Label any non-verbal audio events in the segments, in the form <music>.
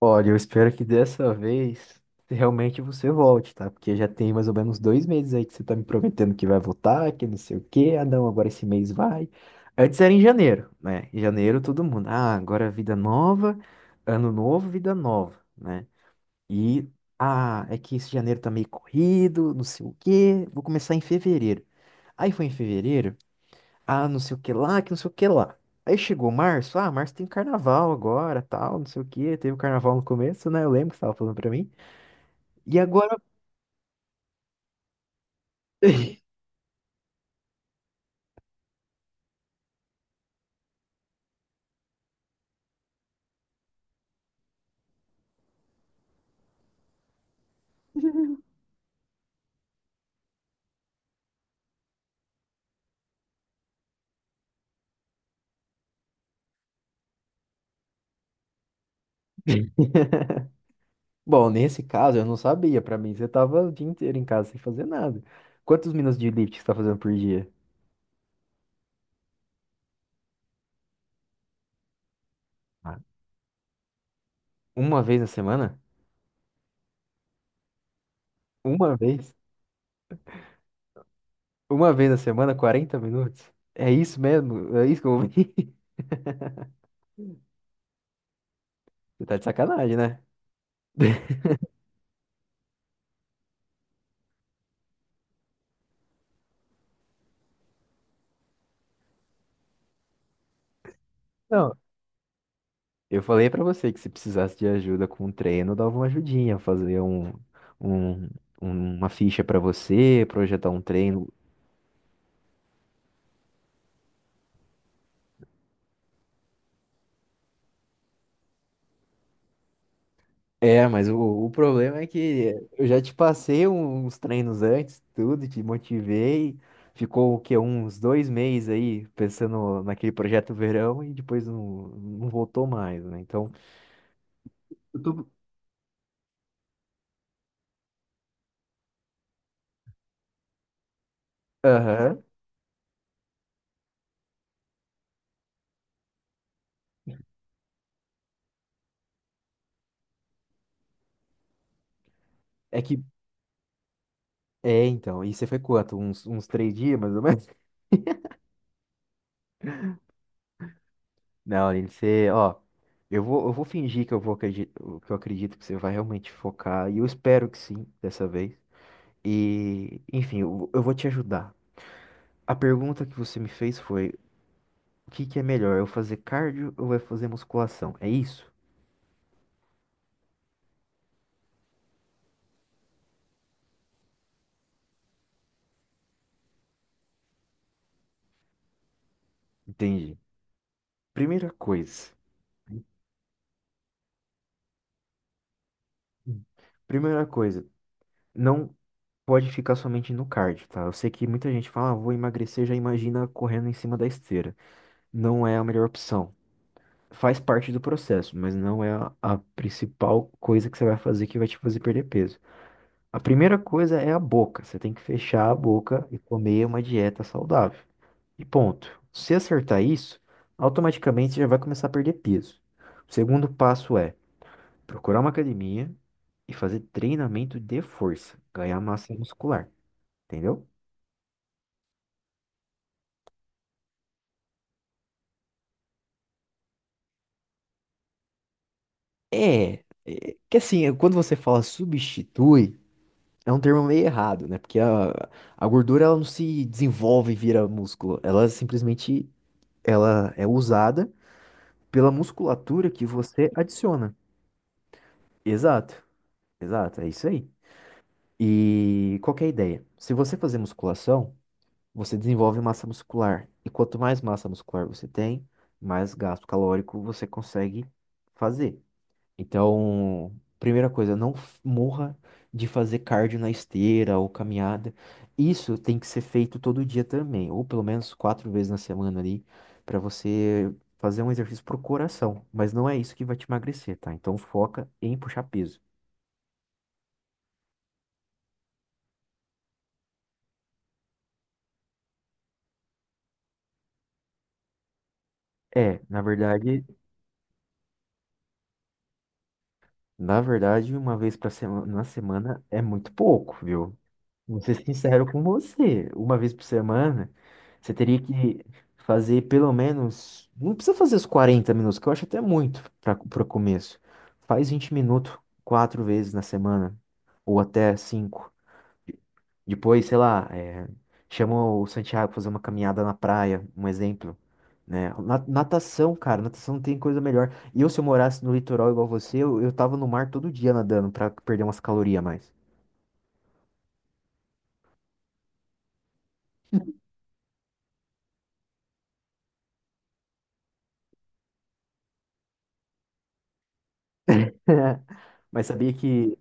Olha, eu espero que dessa vez realmente você volte, tá? Porque já tem mais ou menos 2 meses aí que você tá me prometendo que vai voltar, que não sei o quê. Ah, não, agora esse mês vai. Antes era em janeiro, né? Em janeiro todo mundo. Ah, agora é vida nova, ano novo, vida nova, né? E, ah, é que esse janeiro tá meio corrido, não sei o quê. Vou começar em fevereiro. Aí foi em fevereiro. Ah, não sei o que lá, que não sei o que lá. Aí chegou março, ah, março tem carnaval agora, tal, não sei o que, teve o carnaval no começo, né? Eu lembro que você tava falando pra mim. E agora. <laughs> Bom, nesse caso eu não sabia, pra mim você tava o dia inteiro em casa sem fazer nada. Quantos minutos de elíptica você tá fazendo por dia? Ah, uma vez na semana? Uma vez? Uma vez na semana, 40 minutos? É isso mesmo? É isso que eu ouvi? <laughs> Você tá de sacanagem, né? <laughs> Não, eu falei pra você que se precisasse de ajuda com o treino, eu dava uma ajudinha, fazer um- uma ficha pra você, projetar um treino. É, mas o problema é que eu já te passei uns treinos antes, tudo, te motivei. Ficou o quê? Uns 2 meses aí pensando naquele projeto verão e depois não voltou mais, né? Então, eu tô... aham. É que. É, então. E você foi quanto? Uns 3 dias, mais ou menos? Não, Aline, você, ó, eu vou fingir que eu acredito que você vai realmente focar, e eu espero que sim, dessa vez. E, enfim, eu vou te ajudar. A pergunta que você me fez foi: o que que é melhor, eu fazer cardio ou eu fazer musculação? É isso? Entendi. Primeira coisa, primeira coisa, não pode ficar somente no cardio, tá? Eu sei que muita gente fala, ah, vou emagrecer, já imagina correndo em cima da esteira. Não é a melhor opção. Faz parte do processo, mas não é a principal coisa que você vai fazer que vai te fazer perder peso. A primeira coisa é a boca. Você tem que fechar a boca e comer uma dieta saudável. E ponto. Se acertar isso, automaticamente você já vai começar a perder peso. O segundo passo é procurar uma academia e fazer treinamento de força, ganhar massa muscular, entendeu? É, é que assim, quando você fala substitui é um termo meio errado, né? Porque a gordura ela não se desenvolve e vira músculo. Ela simplesmente ela é usada pela musculatura que você adiciona. Exato, exato, é isso aí. E qual que é a ideia? Se você fazer musculação, você desenvolve massa muscular. E quanto mais massa muscular você tem, mais gasto calórico você consegue fazer. Então, primeira coisa, não morra de fazer cardio na esteira ou caminhada. Isso tem que ser feito todo dia também, ou pelo menos 4 vezes na semana ali, para você fazer um exercício pro coração. Mas não é isso que vai te emagrecer, tá? Então foca em puxar peso. É, na verdade, uma vez na semana é muito pouco, viu? Vou ser sincero com você. Uma vez por semana, você teria que fazer pelo menos. Não precisa fazer os 40 minutos, que eu acho até muito para o começo. Faz 20 minutos 4 vezes na semana, ou até cinco. Depois, sei lá, é, chama o Santiago pra fazer uma caminhada na praia, um exemplo. Né? Natação, cara, natação não tem coisa melhor. E eu, se eu morasse no litoral igual você, eu tava no mar todo dia nadando pra perder umas calorias a mais. <laughs> Mas sabia que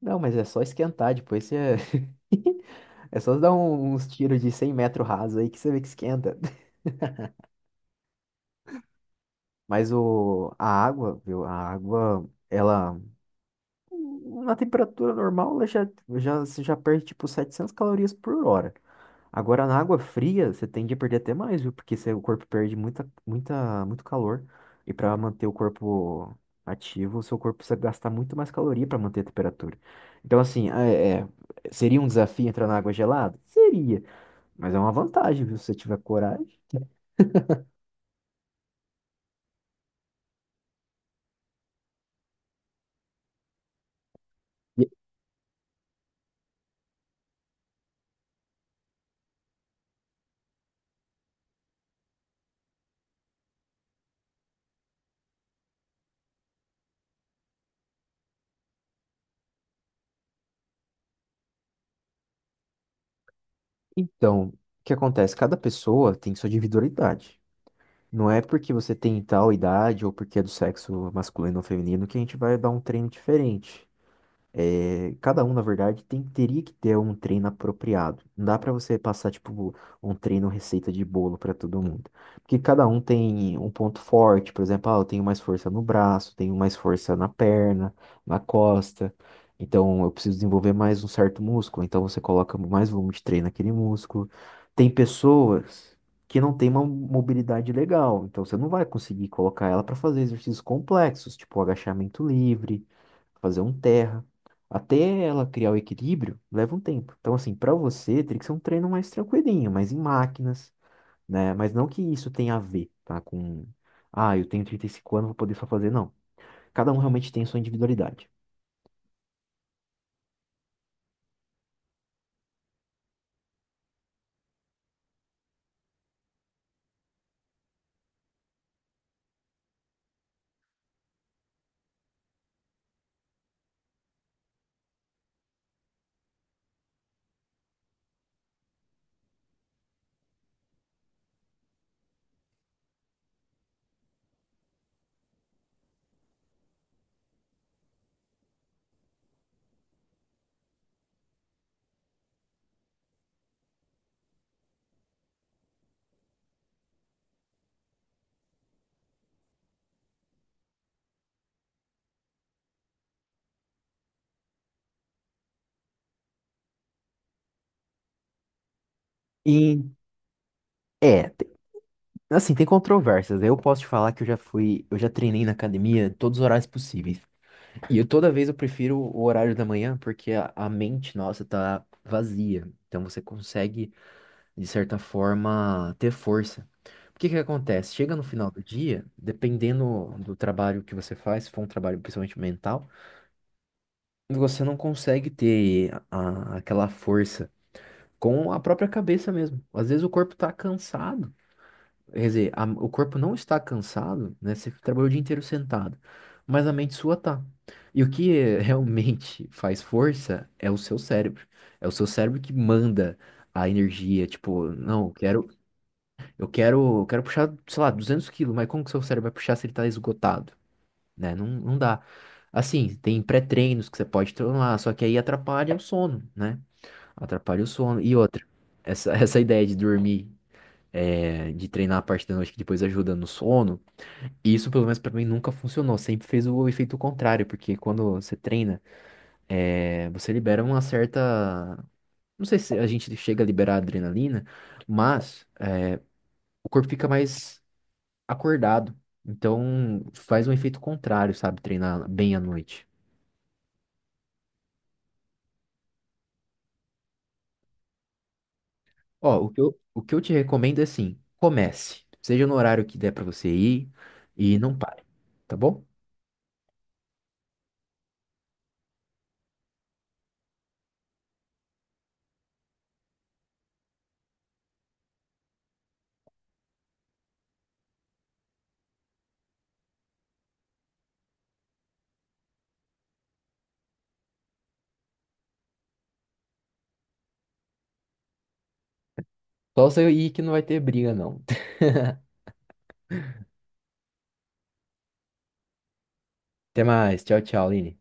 não, mas é só esquentar, depois você. <laughs> É só dar uns tiros de 100 metros raso aí que você vê que esquenta. Mas o... a água, viu? A água, ela. Na temperatura normal, ela já, você já perde tipo 700 calorias por hora. Agora, na água fria, você tende a perder até mais, viu? Porque você- o corpo perde muito calor. E para manter o corpo ativo, o seu corpo precisa gastar muito mais caloria para manter a temperatura. Então, assim, seria um desafio entrar na água gelada? Seria. Mas é uma vantagem, viu? Se você tiver coragem. E- então, o que acontece? Cada pessoa tem sua individualidade. Não é porque você tem tal idade ou porque é do sexo masculino ou feminino que a gente vai dar um treino diferente. É, cada um, na verdade, teria que ter um treino apropriado. Não dá pra você passar, tipo, um treino receita de bolo pra todo mundo. Porque cada um tem um ponto forte, por exemplo, ah, eu tenho mais força no braço, tenho mais força na perna, na costa. Então, eu preciso desenvolver mais um certo músculo. Então, você coloca mais volume de treino naquele músculo. Tem pessoas que não têm uma mobilidade legal. Então, você não vai conseguir colocar ela pra fazer exercícios complexos, tipo agachamento livre fazer um terra. Até ela criar o equilíbrio, leva um tempo. Então, assim, para você, teria que ser um treino mais tranquilinho, mais em máquinas, né? Mas não que isso tenha a ver, tá? Com, ah, eu tenho 35 anos, vou poder só fazer. Não. Cada um realmente tem a sua individualidade. E, é, assim, tem controvérsias. Eu posso te falar que eu já fui, eu já treinei na academia todos os horários possíveis. E eu toda vez eu prefiro o horário da manhã, porque a mente nossa tá vazia. Então você consegue, de certa forma, ter força. O que que acontece? Chega no final do dia, dependendo do trabalho que você faz, se for um trabalho principalmente mental, você não consegue ter aquela força com a própria cabeça mesmo. Às vezes o corpo tá cansado, quer dizer, o corpo não está cansado, né? Você trabalhou o dia inteiro sentado, mas a mente sua tá. E o que <laughs> realmente faz força é o seu cérebro. É o seu cérebro que manda a energia, tipo, não, quero Eu quero puxar, sei lá, 200 quilos, mas como que seu cérebro vai puxar se ele tá esgotado, né? Não dá. Assim, tem pré-treinos que você pode tomar, só que aí atrapalha o sono, né? Atrapalha o sono. E outra, essa, <laughs> essa ideia de dormir, é, de treinar a parte da noite que depois ajuda no sono, isso pelo menos pra mim nunca funcionou. Sempre fez o efeito contrário, porque quando você treina, é, você libera uma certa. Não sei se a gente chega a liberar adrenalina, mas o corpo fica mais acordado. Então, faz um efeito contrário, sabe? Treinar bem à noite. Ó, o que eu te recomendo é assim, comece. Seja no horário que der pra você ir e não pare, tá bom? Só você ir que não vai ter briga, não. <laughs> Até mais. Tchau, tchau, Aline.